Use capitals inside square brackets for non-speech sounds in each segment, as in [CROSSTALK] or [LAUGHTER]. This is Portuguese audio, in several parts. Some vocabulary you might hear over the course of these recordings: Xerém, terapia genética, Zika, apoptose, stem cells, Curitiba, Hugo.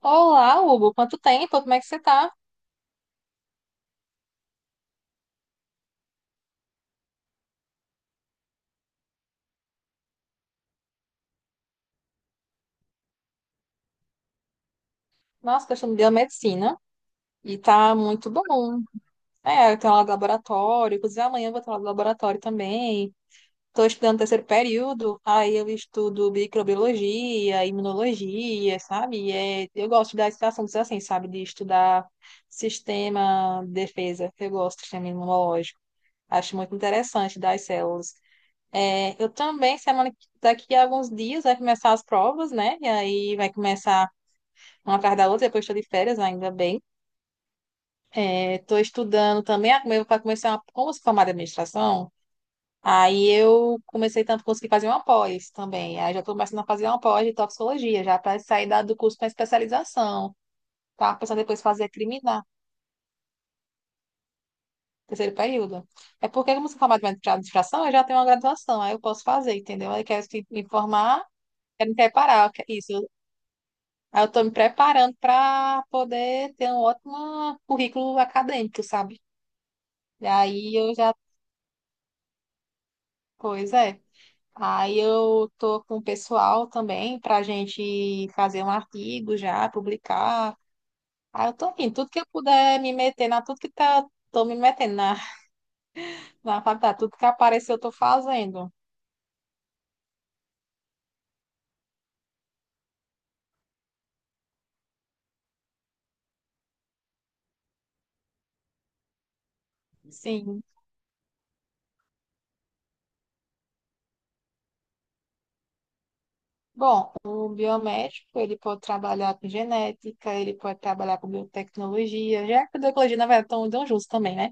Olá, Hugo. Quanto tempo? Como é que você tá? Nossa, questão de biomedicina. E tá muito bom. É, eu tenho aula de laboratório. Inclusive, amanhã eu vou ter aula de laboratório também. Estou estudando terceiro período. Aí eu estudo microbiologia, imunologia, sabe? E é, eu gosto das assuntos assim, sabe? De estudar sistema de defesa. Eu gosto do sistema imunológico. Acho muito interessante das células. É, eu também, daqui a alguns dias, vai começar as provas, né? E aí vai começar uma atrás da outra, depois estou de férias, né, ainda bem. Estou estudando também para começar, como se formar de administração, aí eu comecei tanto, consegui fazer uma pós também. Aí já estou começando a fazer uma pós de toxicologia, já para sair do curso para especialização. Tá pensando depois fazer criminal, terceiro período. É porque, como se formar de administração, eu já tenho uma graduação, aí eu posso fazer, entendeu? Aí eu quero se- me formar, quero me preparar, é isso. Aí eu estou me preparando para poder ter um ótimo currículo acadêmico, sabe? E aí eu já. Pois é. Aí eu tô com o pessoal também para a gente fazer um artigo já, publicar. Aí eu tô indo, tudo que eu puder me meter na, tudo que tá, tô me metendo na, na faculdade, tudo que apareceu eu tô fazendo. Sim. Bom, o biomédico, ele pode trabalhar com genética, ele pode trabalhar com biotecnologia, já que a biotecnologia, na verdade, estão dão juntos também, né?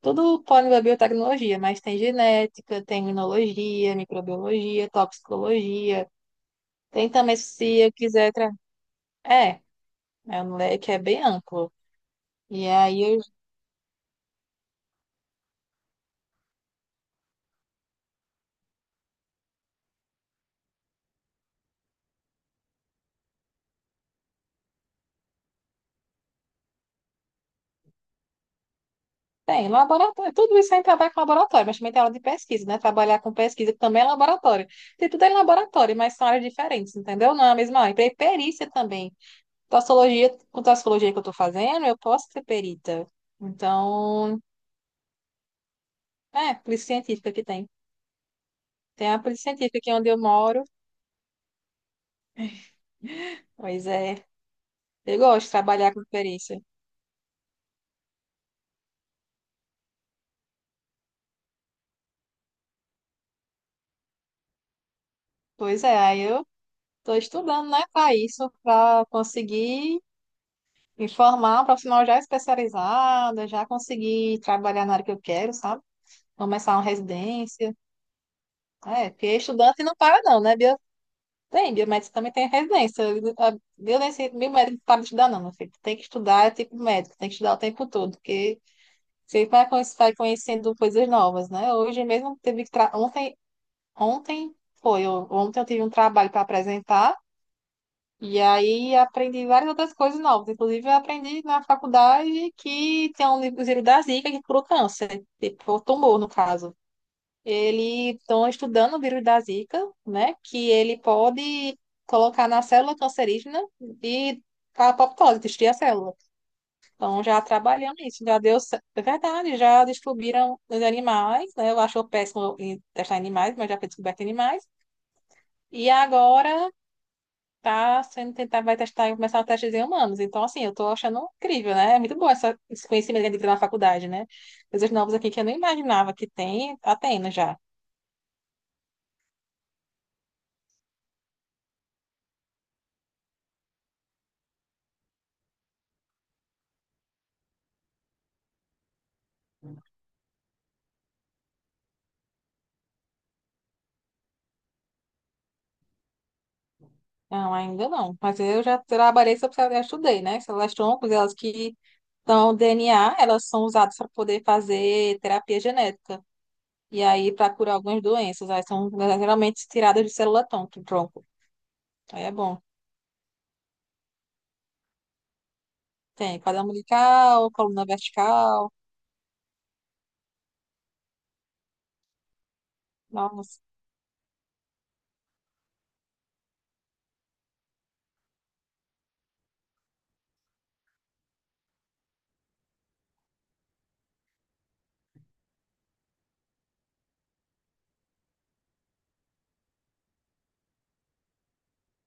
Tudo pode envolver biotecnologia, mas tem genética, tem imunologia, microbiologia, toxicologia. Tem também, se eu quiser. Tra... É, é um leque é bem amplo. E aí eu... tem laboratório, tudo isso aí trabalha com laboratório, mas também tem aula de pesquisa, né? Trabalhar com pesquisa que também é laboratório. Tem tudo é laboratório, mas são áreas diferentes, entendeu? Não é a mesma área. E perícia também. Toxicologia, com toxicologia que eu estou fazendo, eu posso ser perita. Então, é, polícia científica que tem. Tem a polícia científica aqui onde eu moro. [LAUGHS] Pois é, eu gosto de trabalhar com perícia. Pois é, aí eu estou estudando, né, para isso, para conseguir me formar, um profissional já especializada, já conseguir trabalhar na área que eu quero, sabe? Começar uma residência. É, porque estudante não para, não, né? Bio... Tem, biomédico também tem residência. A violência, biomédico não para de estudar, não, meu filho. Tem que estudar, é tipo médico, tem que estudar o tempo todo, porque você vai conhecendo coisas novas, né? Hoje mesmo teve que. Tra- Ontem, ontem foi, ontem eu tive um trabalho para apresentar. E aí aprendi várias outras coisas novas. Inclusive, eu aprendi na faculdade que tem um vírus da Zika que cura o câncer, tipo, o tumor, no caso. Eles estão estudando o vírus da Zika, né? Que ele pode colocar na célula cancerígena e a apoptose, destruir a célula. Então, já trabalhando nisso, já deu... é verdade, já descobriram nos animais, né? Eu acho péssimo em testar em animais, mas já foi descoberto em animais. E agora tá sendo tentar, vai testar e começar a testes em humanos. Então, assim, eu tô achando incrível, né? É muito bom essa, esse conhecimento que a gente tem na faculdade, né? Coisas novas aqui que eu não imaginava que tem, tá tendo já. Não, ainda não. Mas eu já trabalhei sobre células, já estudei, né? Células troncos, elas que estão DNA, elas são usadas para poder fazer terapia genética. E aí, para curar algumas doenças, aí são né, geralmente tiradas de célula tronco. Tronco. Aí é bom. Tem quadril umbilical, coluna vertical. Nossa,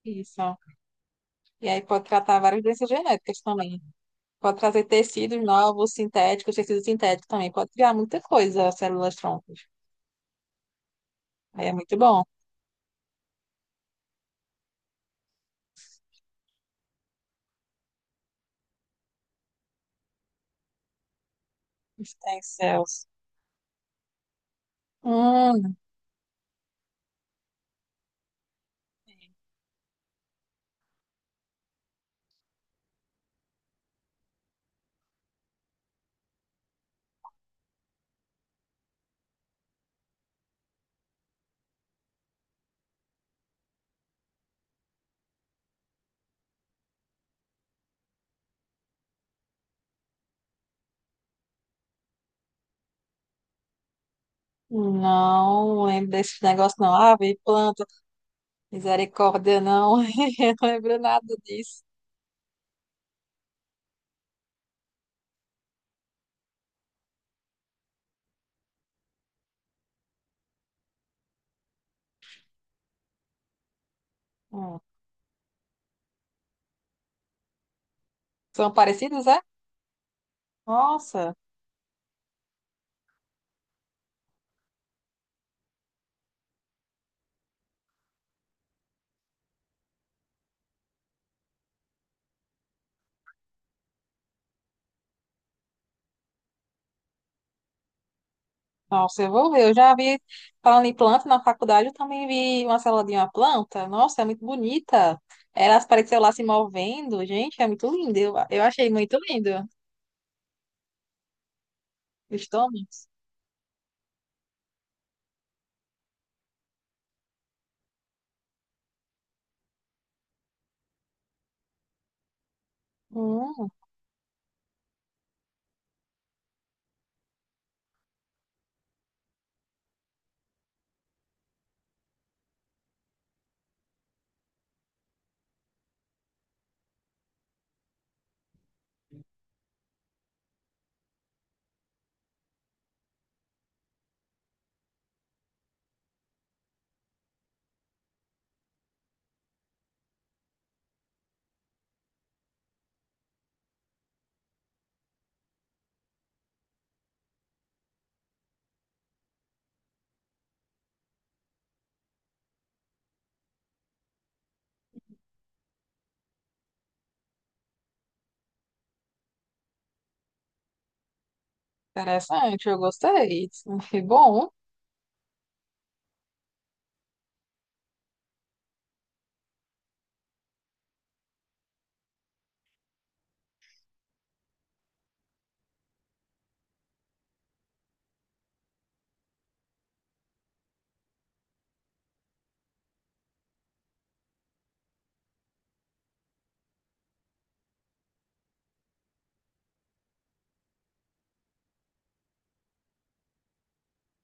isso. E aí pode tratar várias doenças genéticas também. Pode trazer tecidos novos, sintéticos, tecidos sintéticos também. Pode criar muita coisa, as células troncos. Aí é muito bom. Stem cells. Hum, não lembro desse negócio não. Ave, planta, misericórdia, não. [LAUGHS] Eu não lembro nada disso. Hum. São parecidos, é? Nossa. Nossa, eu vou ver. Eu já vi, falando em planta, na faculdade eu também vi uma célula de uma planta. Nossa, é muito bonita. Elas pareciam lá se movendo. Gente, é muito lindo. Eu achei muito lindo. Os tômates. Hum, interessante, eu gostei. Foi bom.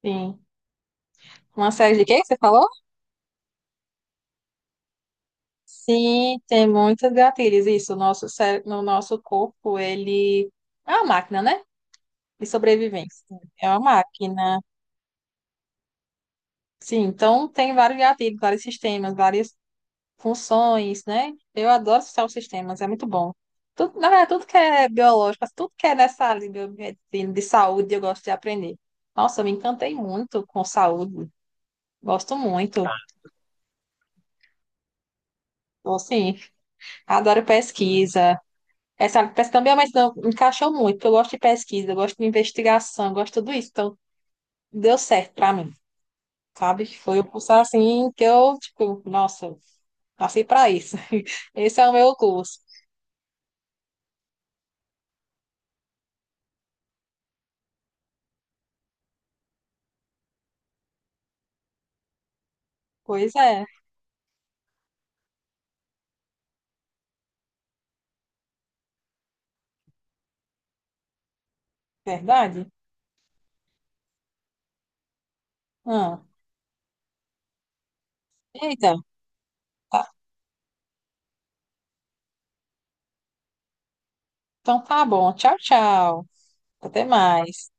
Sim. Uma série de quê que você falou? Sim, tem muitos gatilhos. Isso, o nosso, no nosso corpo, ele é uma máquina, né? De sobrevivência. É uma máquina. Sim, então tem vários gatilhos, vários sistemas, várias funções, né? Eu adoro social sistemas, é muito bom. Tudo, na verdade, tudo que é biológico, tudo que é nessa área de biomedicina, de saúde, eu gosto de aprender. Nossa, eu me encantei muito com saúde. Gosto muito. Então, assim, adoro pesquisa. Essa área de pesquisa também, mas não encaixou muito, porque eu gosto de pesquisa, eu gosto de investigação, eu gosto de tudo isso. Então, deu certo pra mim, sabe? Foi o curso, assim, que eu, tipo, nossa, nasci pra isso. [LAUGHS] Esse é o meu curso. Pois é, verdade. Ah. Eita, tá. Então tá bom. Tchau, tchau. Até mais.